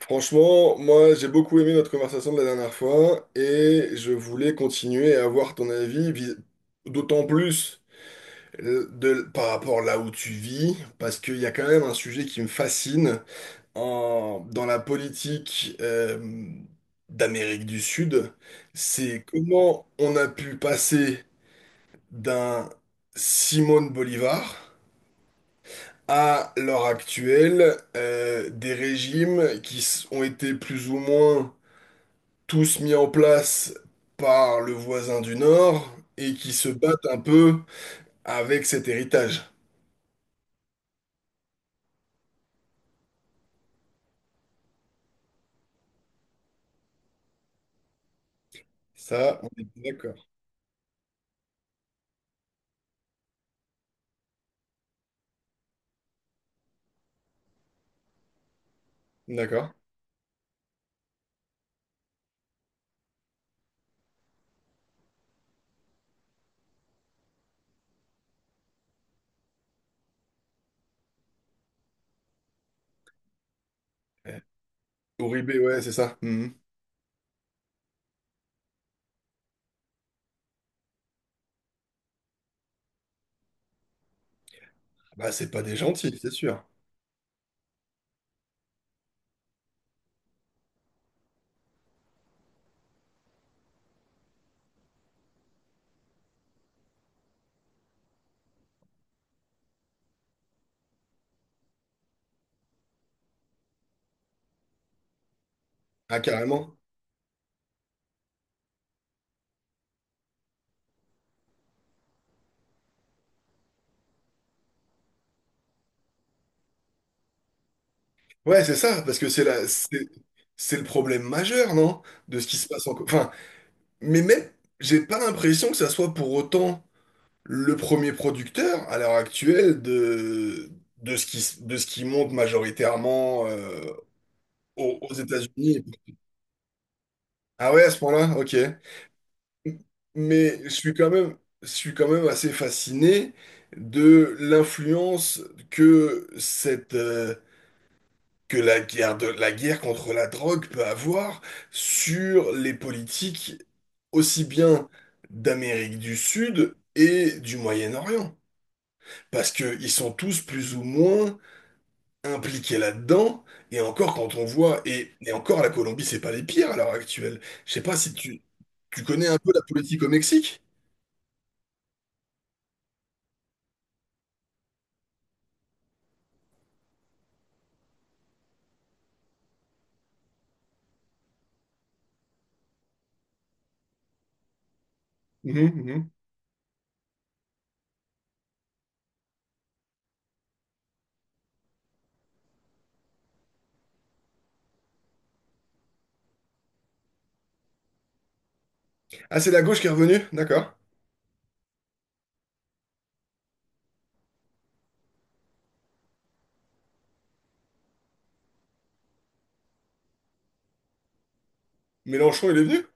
Franchement, moi j'ai beaucoup aimé notre conversation de la dernière fois et je voulais continuer à avoir ton avis, d'autant plus par rapport là où tu vis, parce qu'il y a quand même un sujet qui me fascine dans la politique d'Amérique du Sud, c'est comment on a pu passer d'un Simone Bolivar à l'heure actuelle, des régimes qui ont été plus ou moins tous mis en place par le voisin du Nord et qui se battent un peu avec cet héritage. Ça, on est d'accord. D'accord. Ouais. Uribe, ouais, c'est ça. Mhm. Ah bah, c'est pas des gentils, c'est sûr. Ah, carrément. Ouais, c'est ça, parce que c'est le problème majeur, non? De ce qui se passe en... Co- Enfin, mais même, j'ai pas l'impression que ça soit pour autant le premier producteur à l'heure actuelle de ce qui, de ce qui monte majoritairement, aux, aux États-Unis. Ah ouais, à ce point-là, ok. Mais je suis quand même, je suis quand même assez fasciné de l'influence que que la guerre contre la drogue peut avoir sur les politiques aussi bien d'Amérique du Sud et du Moyen-Orient. Parce qu'ils sont tous plus ou moins impliqués là-dedans, et encore quand on voit, et encore la Colombie, c'est pas les pires à l'heure actuelle. Je sais pas si tu connais un peu la politique au Mexique? Mhm, mhm. Ah, c'est la gauche qui est revenue, d'accord. Mélenchon, il est venu?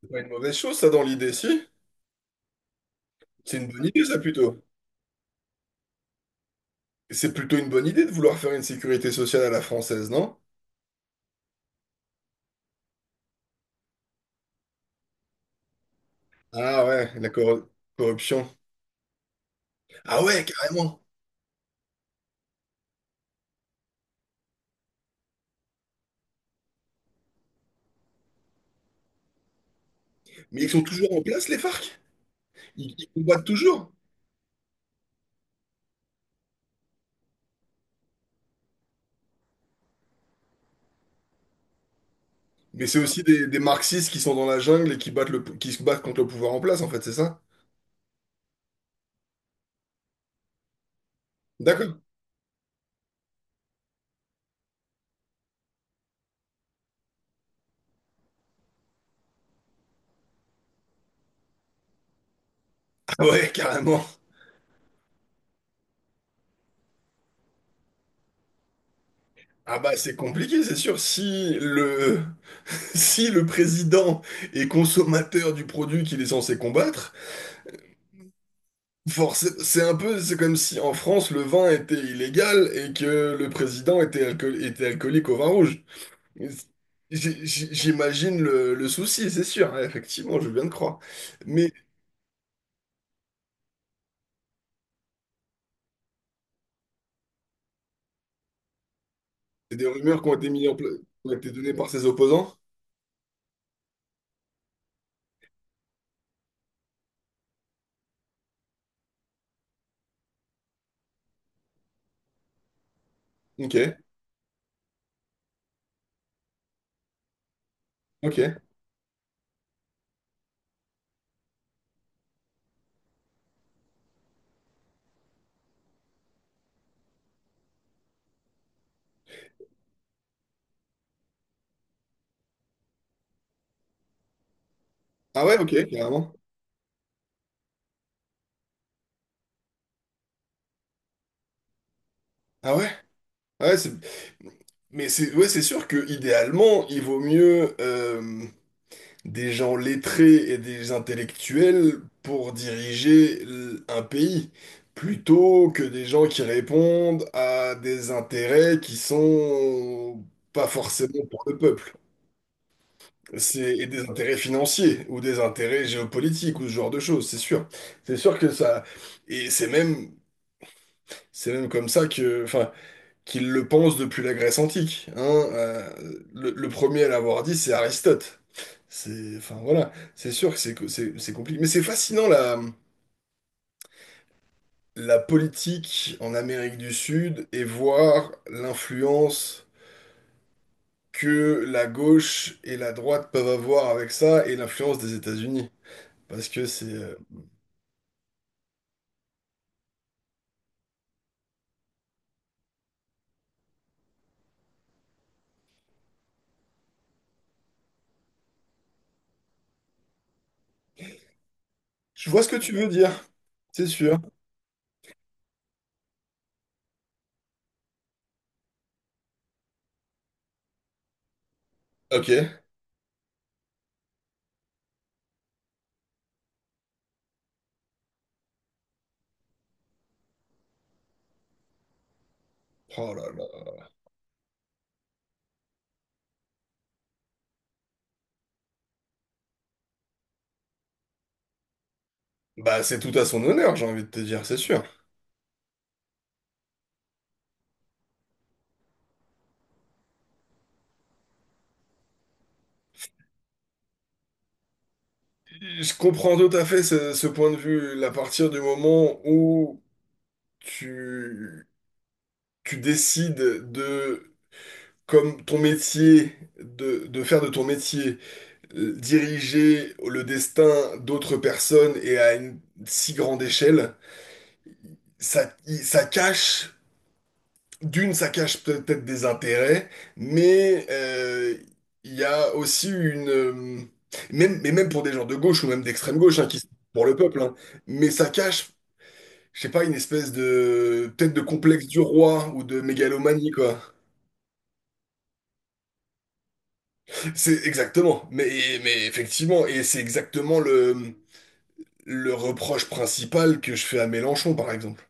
C'est pas une mauvaise chose, ça, dans l'idée, si? C'est une bonne idée, ça, plutôt. C'est plutôt une bonne idée de vouloir faire une sécurité sociale à la française, non? Ah ouais, la corruption. Ah ouais, carrément. Mais ils sont toujours en place, les FARC? Ils, ils combattent toujours. Mais c'est aussi des marxistes qui sont dans la jungle et qui battent le, qui se battent contre le pouvoir en place, en fait, c'est ça? D'accord. Ah ouais, carrément. Ah bah c'est compliqué, c'est sûr. Si le, si le président est consommateur du produit qu'il est censé combattre, forcément, c'est un peu, c'est comme si en France le vin était illégal et que le président était, était alcoolique au vin rouge. J'imagine le souci, c'est sûr, hein, effectivement, je viens de croire. Mais c'est des rumeurs qui ont été mises qui ont été données par ses opposants. Ok, ok. Ah ouais, ok, carrément. Ah ouais, ah ouais, c'est... Mais c'est ouais, c'est sûr que idéalement, il vaut mieux, des gens lettrés et des intellectuels pour diriger un pays, plutôt que des gens qui répondent à des intérêts qui sont pas forcément pour le peuple. C'est et des intérêts financiers ou des intérêts géopolitiques ou ce genre de choses, c'est sûr. C'est sûr que ça et c'est même comme ça que enfin qu'ils le pensent depuis la Grèce antique, hein. Euh, le premier à l'avoir dit, c'est Aristote. C'est, enfin voilà, c'est sûr que c'est compliqué. Mais c'est fascinant la politique en Amérique du Sud et voir l'influence que la gauche et la droite peuvent avoir avec ça et l'influence des États-Unis. Parce que c'est... Je vois ce que tu veux dire, c'est sûr. Ok. Oh là là. Bah c'est tout à son honneur, j'ai envie de te dire, c'est sûr. Je comprends tout à fait ce point de vue. À partir du moment où tu, tu décides de, comme ton métier, de faire de ton métier, diriger le destin d'autres personnes et à une si grande échelle, ça, ça cache, d'une, ça cache peut-être des intérêts, mais il y a aussi une... Même, mais même pour des gens de gauche ou même d'extrême gauche, hein, qui, pour le peuple, hein, mais ça cache je sais pas, une espèce de, peut-être de complexe du roi ou de mégalomanie, quoi. C'est exactement, mais effectivement, et c'est exactement le reproche principal que je fais à Mélenchon, par exemple.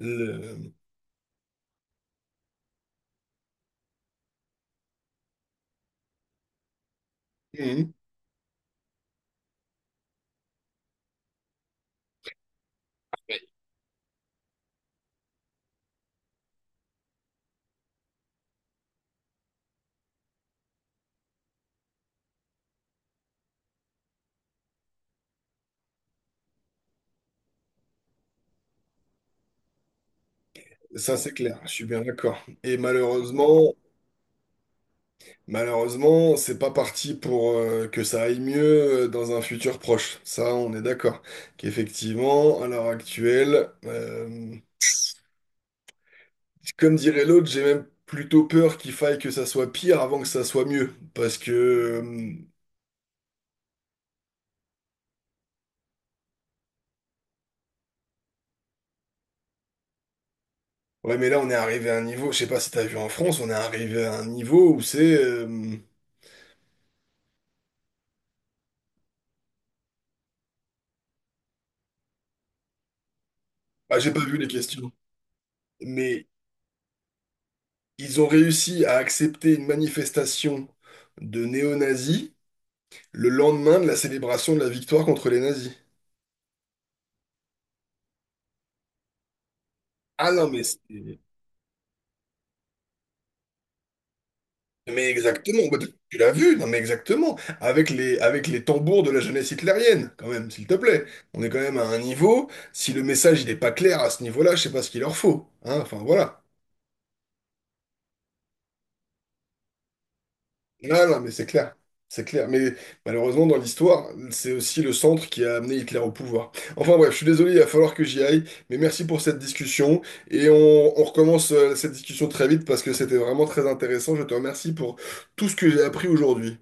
Le- Mhm. Ça, c'est clair, je suis bien d'accord. Et malheureusement, malheureusement, c'est pas parti pour, que ça aille mieux, dans un futur proche. Ça, on est d'accord. Qu'effectivement, à l'heure actuelle, comme dirait l'autre, j'ai même plutôt peur qu'il faille que ça soit pire avant que ça soit mieux. Parce que, ouais, mais là, on est arrivé à un niveau, je sais pas si t'as vu en France, on est arrivé à un niveau où c'est, ah, j'ai pas vu les questions. Mais ils ont réussi à accepter une manifestation de néo-nazis le lendemain de la célébration de la victoire contre les nazis. Ah non, mais c'est- Mais exactement, bah, tu l'as vu, non mais exactement, avec les tambours de la jeunesse hitlérienne, quand même, s'il te plaît. On est quand même à un niveau, si le message il n'est pas clair à ce niveau-là, je sais pas ce qu'il leur faut. Hein, enfin voilà. Là, non, mais c'est clair. C'est clair. Mais malheureusement, dans l'histoire, c'est aussi le centre qui a amené Hitler au pouvoir. Enfin bref, je suis désolé, il va falloir que j'y aille, mais merci pour cette discussion. Et on recommence, cette discussion très vite parce que c'était vraiment très intéressant. Je te remercie pour tout ce que j'ai appris aujourd'hui.